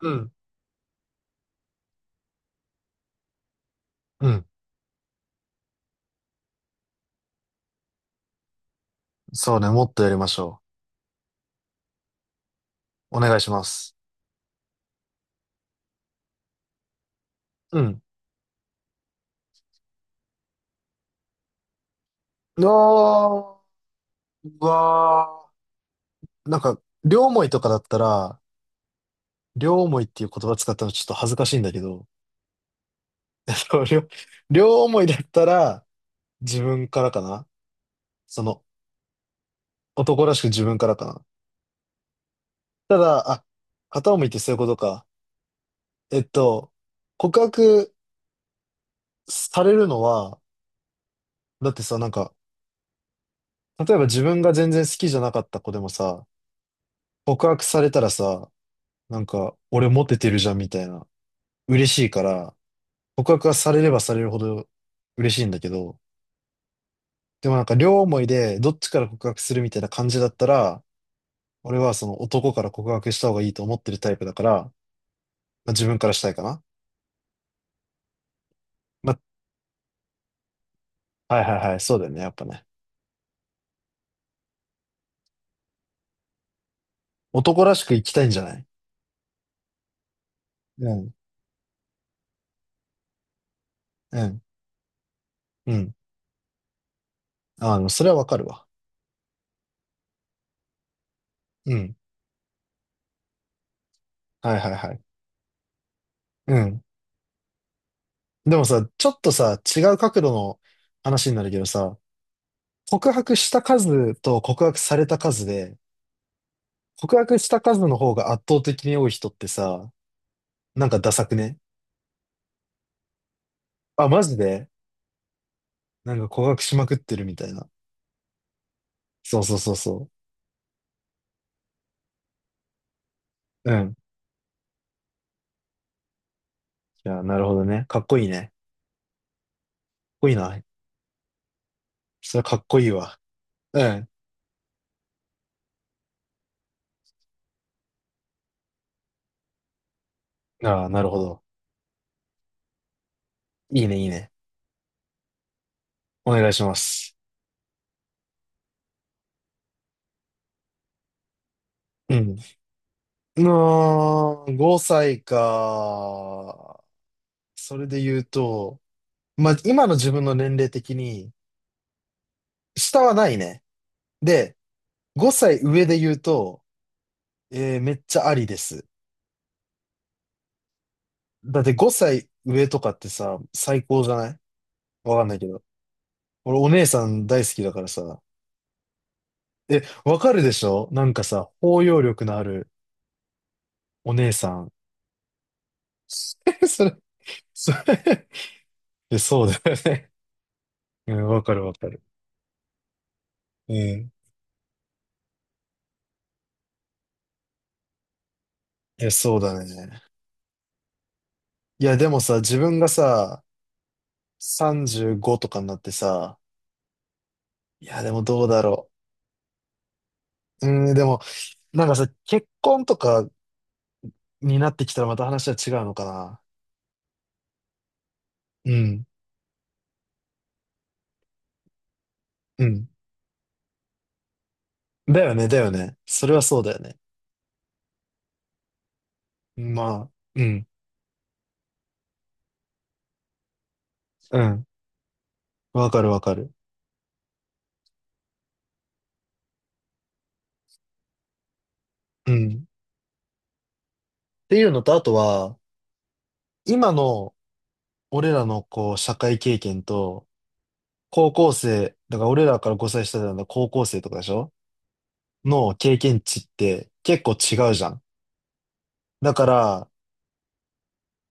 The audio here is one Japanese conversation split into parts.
うん、うん。そうね、もっとやりましょう。お願いします。うん。あー、うわー。なんか、両思いとかだったら、両思いっていう言葉使ったのちょっと恥ずかしいんだけど、両、両思いだったら、自分からかな。その、男らしく自分からかな。ただ、あ、片思いってそういうことか。えっと、告白されるのは、だってさ、なんか、例えば自分が全然好きじゃなかった子でもさ、告白されたらさ、なんか、俺モテてるじゃんみたいな。嬉しいから、告白がされればされるほど嬉しいんだけど、でもなんか両思いでどっちから告白するみたいな感じだったら、俺はその男から告白した方がいいと思ってるタイプだから、まあ、自分からしたいかな。まあ、はいはいはい、そうだよね、やっぱね。男らしく生きたいんじゃない？うん、うん、うん。それはわかるわ。うん。はいはいはい。うん。でもさ、ちょっとさ、違う角度の話になるけどさ、告白した数と告白された数で、告白した数の方が圧倒的に多い人ってさ、なんかダサくね？あ、マジで？なんか告白しまくってるみたいな。そうそうそうそう。うん。いや、なるほどね。かっこいいね。かっこいいな。それはかっこいいわ。うん。ああ、なるほど。いいね、いいね。お願いします。うん。うーん、5歳か。それで言うと、まあ、今の自分の年齢的に、下はないね。で、5歳上で言うと、めっちゃありです。だって5歳上とかってさ、最高じゃない？わかんないけど。俺お姉さん大好きだからさ。え、わかるでしょ？なんかさ、包容力のあるお姉さん。それ、それ、え、そうだよね。うん、わかるわかる。うん。え、そうだね。いや、でもさ、自分がさ、35とかになってさ、いや、でもどうだろう。うん、でも、なんかさ、結婚とかになってきたらまた話は違うのかな。うん、うん。だよね、だよね。それはそうだよね。まあ、うん、うん。わかるわかる。うん。っていうのと、あとは、今の俺らのこう、社会経験と、高校生、だから俺らから5歳下なんだ高校生とかでしょ？の経験値って結構違うじゃん。だから、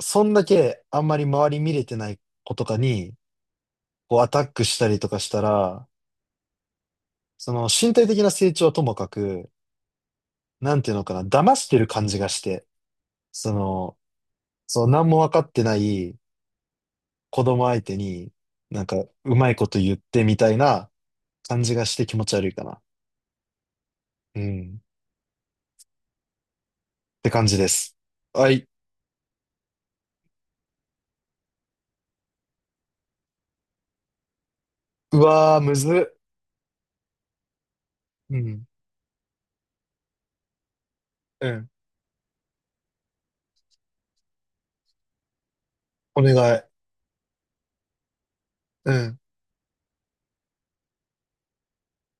そんだけあんまり周り見れてない子とかに、こう、アタックしたりとかしたら、その身体的な成長はともかく、なんていうのかな、騙してる感じがして、その、そう、何も分かってない子供相手に、なんか、うまいこと言ってみたいな感じがして気持ち悪いかな。うん。って感じです。はい。うわー、むずっ。うん。うん。お願い。うん。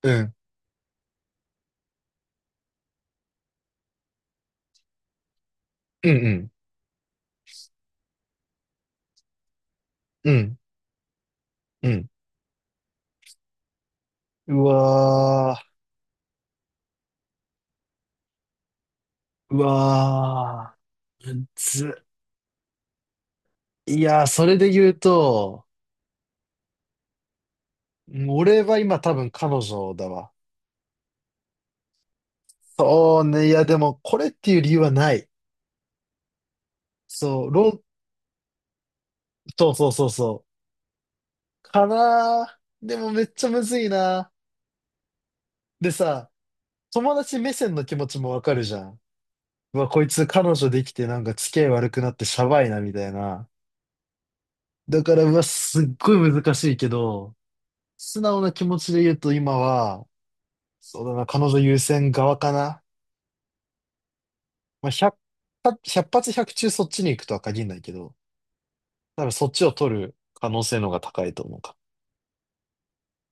うん。うん。うん。うん。うん。うわー。うわー。むずっ。いやー、それで言うと、うん、俺は今多分彼女だわ。そうね。いや、でも、これっていう理由はない。そう、そうそうそうそう。かなあ。でもめっちゃむずいな。でさ、友達目線の気持ちもわかるじゃん。うわ、こいつ彼女できてなんか付き合い悪くなってシャバいなみたいな。だから、うわ、すっごい難しいけど、素直な気持ちで言うと今は、そうだな、彼女優先側かな。まあ、100、ひゃっ発100中そっちに行くとは限らないけど、多分そっちを取る可能性の方が高いと思うか。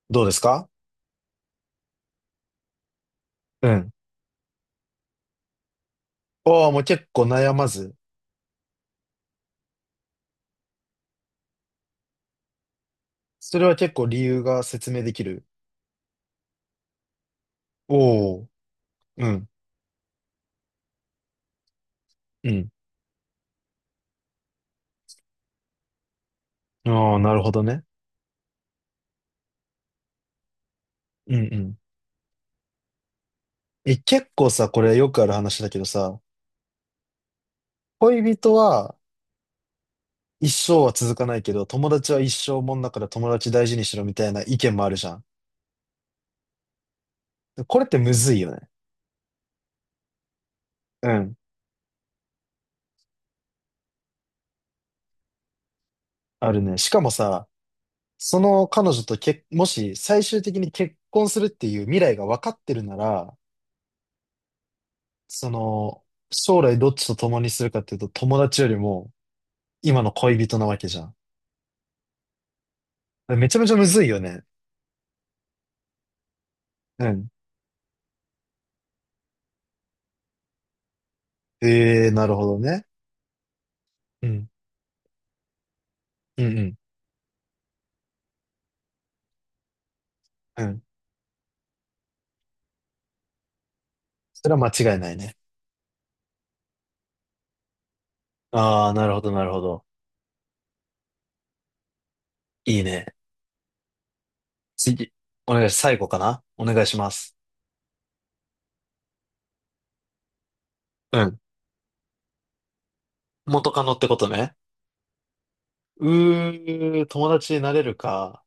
どうですか？うん。おー、もう結構悩まず。それは結構理由が説明できる。おお。うん。うん。ああ、なるほどね。うんうん。え、結構さ、これよくある話だけどさ、恋人は一生は続かないけど、友達は一生もんだから友達大事にしろみたいな意見もあるじゃん。これってむずいよね。うん。あるね。しかもさ、その彼女ともし最終的に結婚するっていう未来が分かってるなら、その、将来どっちと共にするかっていうと、友達よりも今の恋人なわけじゃん。めちゃめちゃむずいよね。うん。ええー、なるほどね。うん。うん、うん。うん。それは間違いないね。ああ、なるほど、なるほど。いいね。次、お願いし、最後かな。お願いします。うん。元カノってことね。うー、友達になれるか。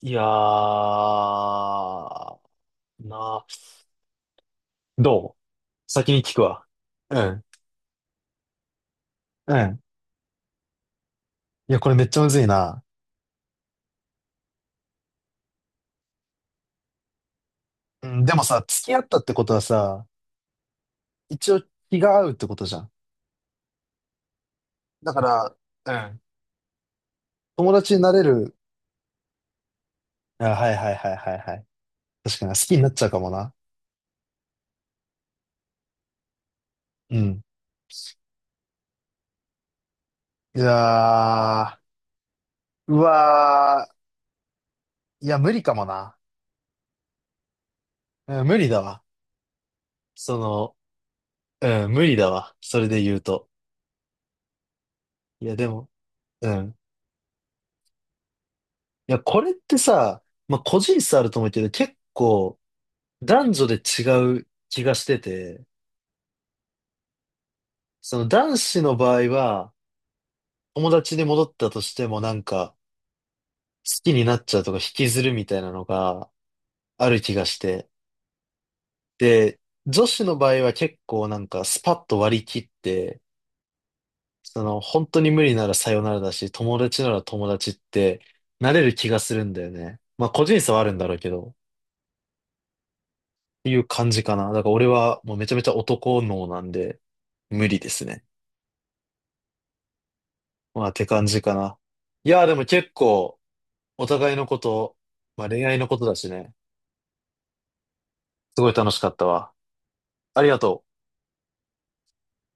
いやー、な、どう？先に聞くわ。うん。うん。いや、これめっちゃむずいな。うん、でもさ、付き合ったってことはさ、一応気が合うってことじゃん。だから、うん。友達になれる。あ、はいはいはいはいはい。確かに、好きになっちゃうかもな。うん。いやあ、うわー、いや、無理かもな。うん、無理だわ。その、うん、無理だわ。それで言うと。いや、でも、うん。いや、これってさ、まあ、個人差あると思うけど、結構、男女で違う気がしてて、その男子の場合は、友達に戻ったとしてもなんか、好きになっちゃうとか引きずるみたいなのがある気がして、で、女子の場合は結構なんかスパッと割り切って、その本当に無理ならさよならだし、友達なら友達ってなれる気がするんだよね。まあ個人差はあるんだろうけど、っていう感じかな。だから俺はもうめちゃめちゃ男脳なんで無理ですね。まあって感じかな。いやーでも結構お互いのこと、まあ恋愛のことだしね、すごい楽しかったわ。ありがとう。